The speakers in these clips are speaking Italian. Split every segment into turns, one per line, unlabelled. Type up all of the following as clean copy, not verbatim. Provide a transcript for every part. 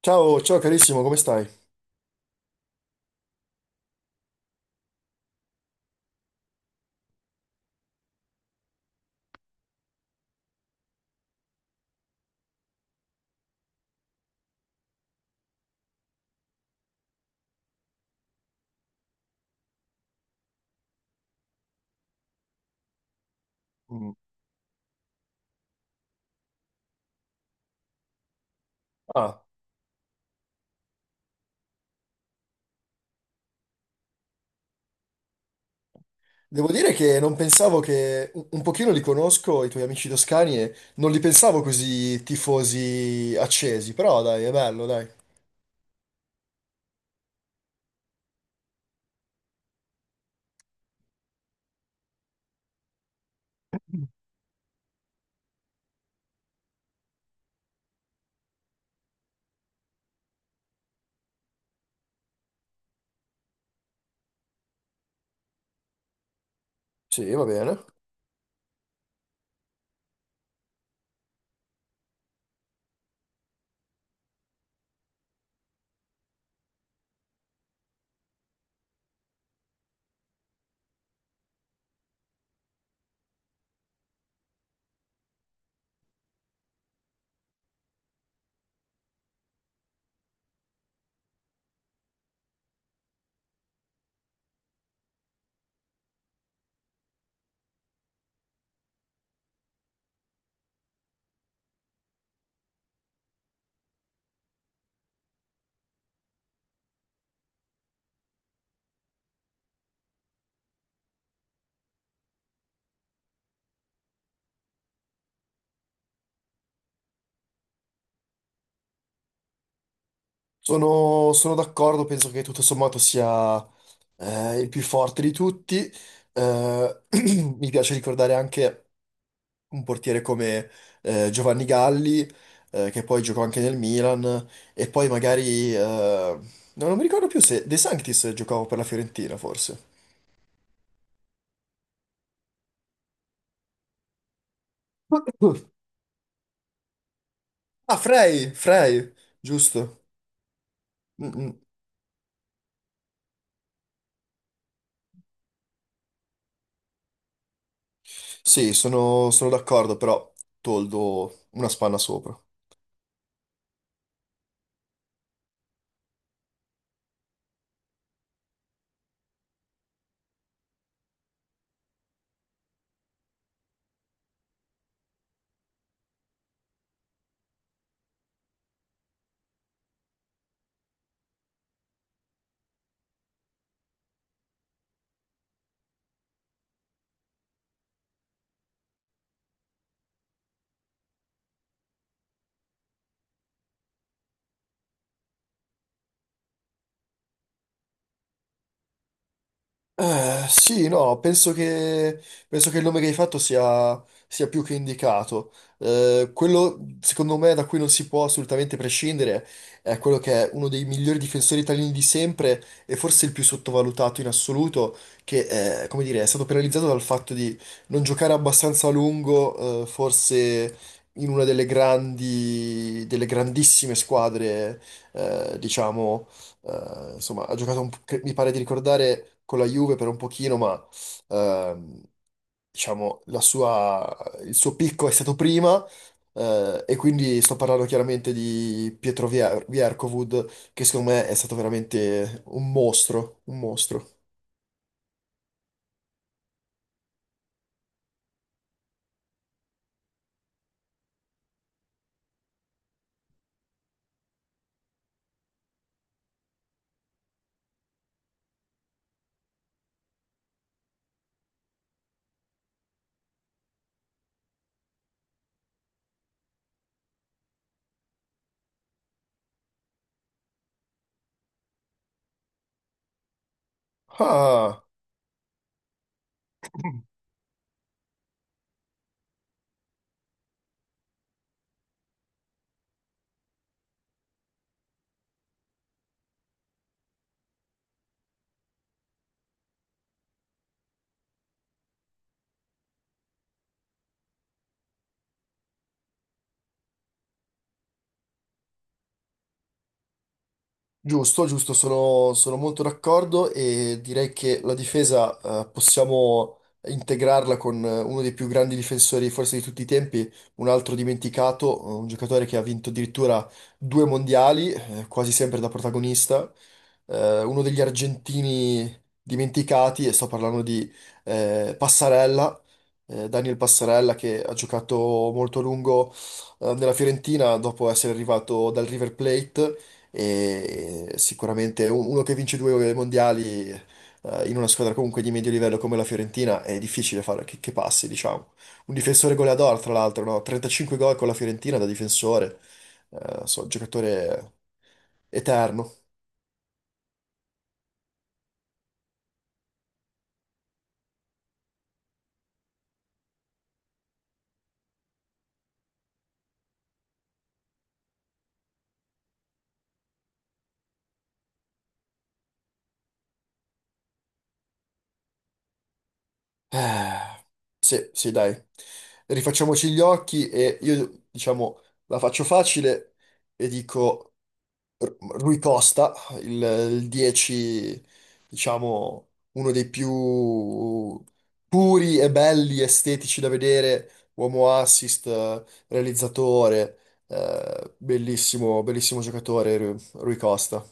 Ciao, ciao carissimo, come stai? Mm. Ah, devo dire che non pensavo che un pochino li conosco, i tuoi amici toscani, e non li pensavo così tifosi accesi, però dai, è bello, dai. Sì, va bene. Sono d'accordo, penso che tutto sommato sia il più forte di tutti. Eh, mi piace ricordare anche un portiere come Giovanni Galli, che poi giocò anche nel Milan, e poi magari, no, non mi ricordo più se De Sanctis giocava per la Fiorentina, forse. Ah, Frey, Frey, giusto. Mm, mm. Sì, sono d'accordo, però Toldo una spanna sopra. Sì, no, penso che il nome che hai fatto sia più che indicato. Quello, secondo me, da cui non si può assolutamente prescindere è quello che è uno dei migliori difensori italiani di sempre e forse il più sottovalutato in assoluto, che, come dire, è stato penalizzato dal fatto di non giocare abbastanza a lungo, forse in una delle delle grandissime squadre, diciamo. Insomma, ha giocato, mi pare di ricordare, con la Juve per un pochino, ma ehm, diciamo, il suo picco è stato prima, e quindi sto parlando chiaramente di Vierkovud, che secondo me è stato veramente un mostro, un mostro. Ah! Giusto, giusto, sono molto d'accordo e direi che la difesa possiamo integrarla con uno dei più grandi difensori forse di tutti i tempi, un altro dimenticato, un giocatore che ha vinto addirittura due mondiali, quasi sempre da protagonista, uno degli argentini dimenticati, e sto parlando di Passarella, Daniel Passarella che ha giocato molto a lungo nella Fiorentina dopo essere arrivato dal River Plate e sicuramente uno che vince due mondiali in una squadra comunque di medio livello come la Fiorentina è difficile fare che passi, diciamo. Un difensore goleador, tra l'altro, no? 35 gol con la Fiorentina da difensore, giocatore eterno. Eh, sì, sì, dai. Rifacciamoci gli occhi e io, diciamo, la faccio facile e dico... Rui Costa, il 10, diciamo, uno dei più puri e belli, estetici da vedere, uomo assist, realizzatore, bellissimo giocatore Rui Costa.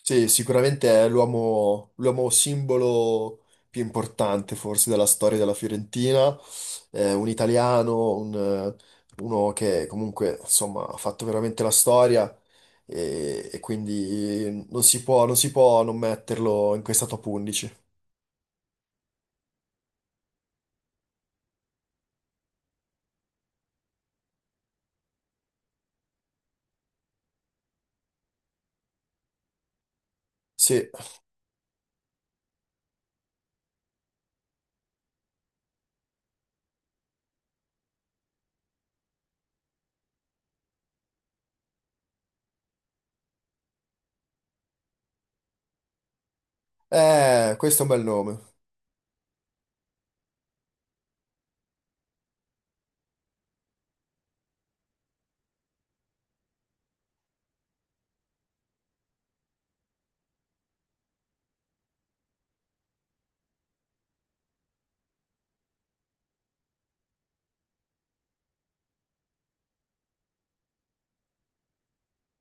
Sì, sicuramente è l'uomo simbolo più importante forse della storia della Fiorentina. Un italiano, uno che comunque insomma ha fatto veramente la storia e quindi non si può non metterlo in questa top 11. Sì, questo è un bel nome.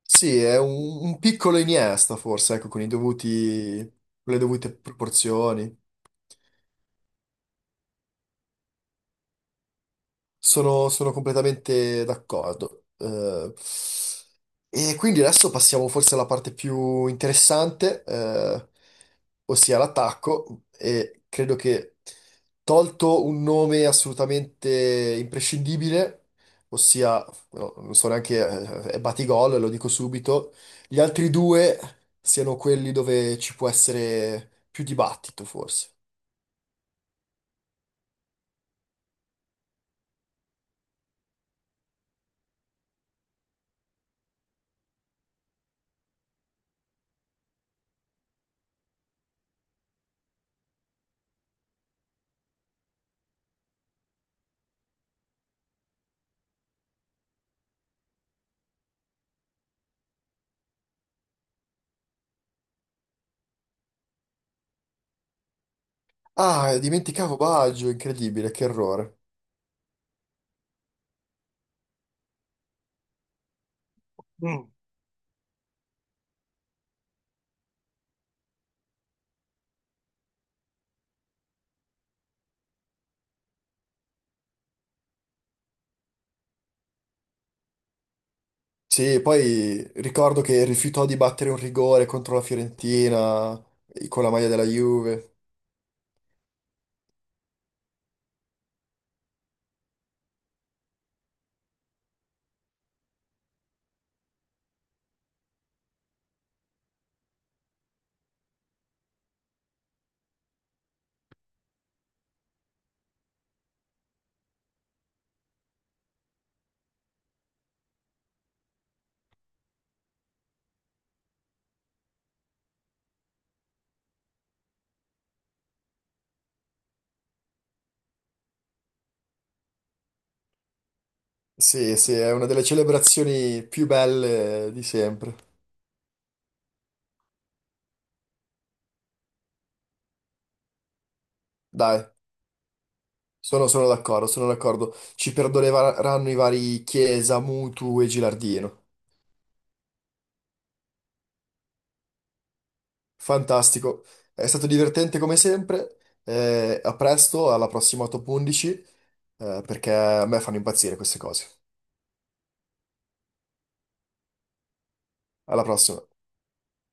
Sì, è un piccolo Iniesta forse, ecco, con le dovute proporzioni. Sono completamente d'accordo. E quindi adesso passiamo forse alla parte più interessante, ossia l'attacco. E credo che tolto un nome assolutamente imprescindibile, ossia, no, non so neanche, è Batigol, lo dico subito, gli altri due siano quelli dove ci può essere più dibattito, forse. Ah, dimenticavo Baggio, incredibile, che errore. Sì, poi ricordo che rifiutò di battere un rigore contro la Fiorentina con la maglia della Juve. Sì, sì, è una delle celebrazioni più belle di sempre. Dai, sono d'accordo, sono d'accordo. Ci perdoneranno i vari Chiesa, Mutu e Gilardino. Fantastico, è stato divertente come sempre. A presto, alla prossima top 11, perché a me fanno impazzire queste cose. Alla prossima.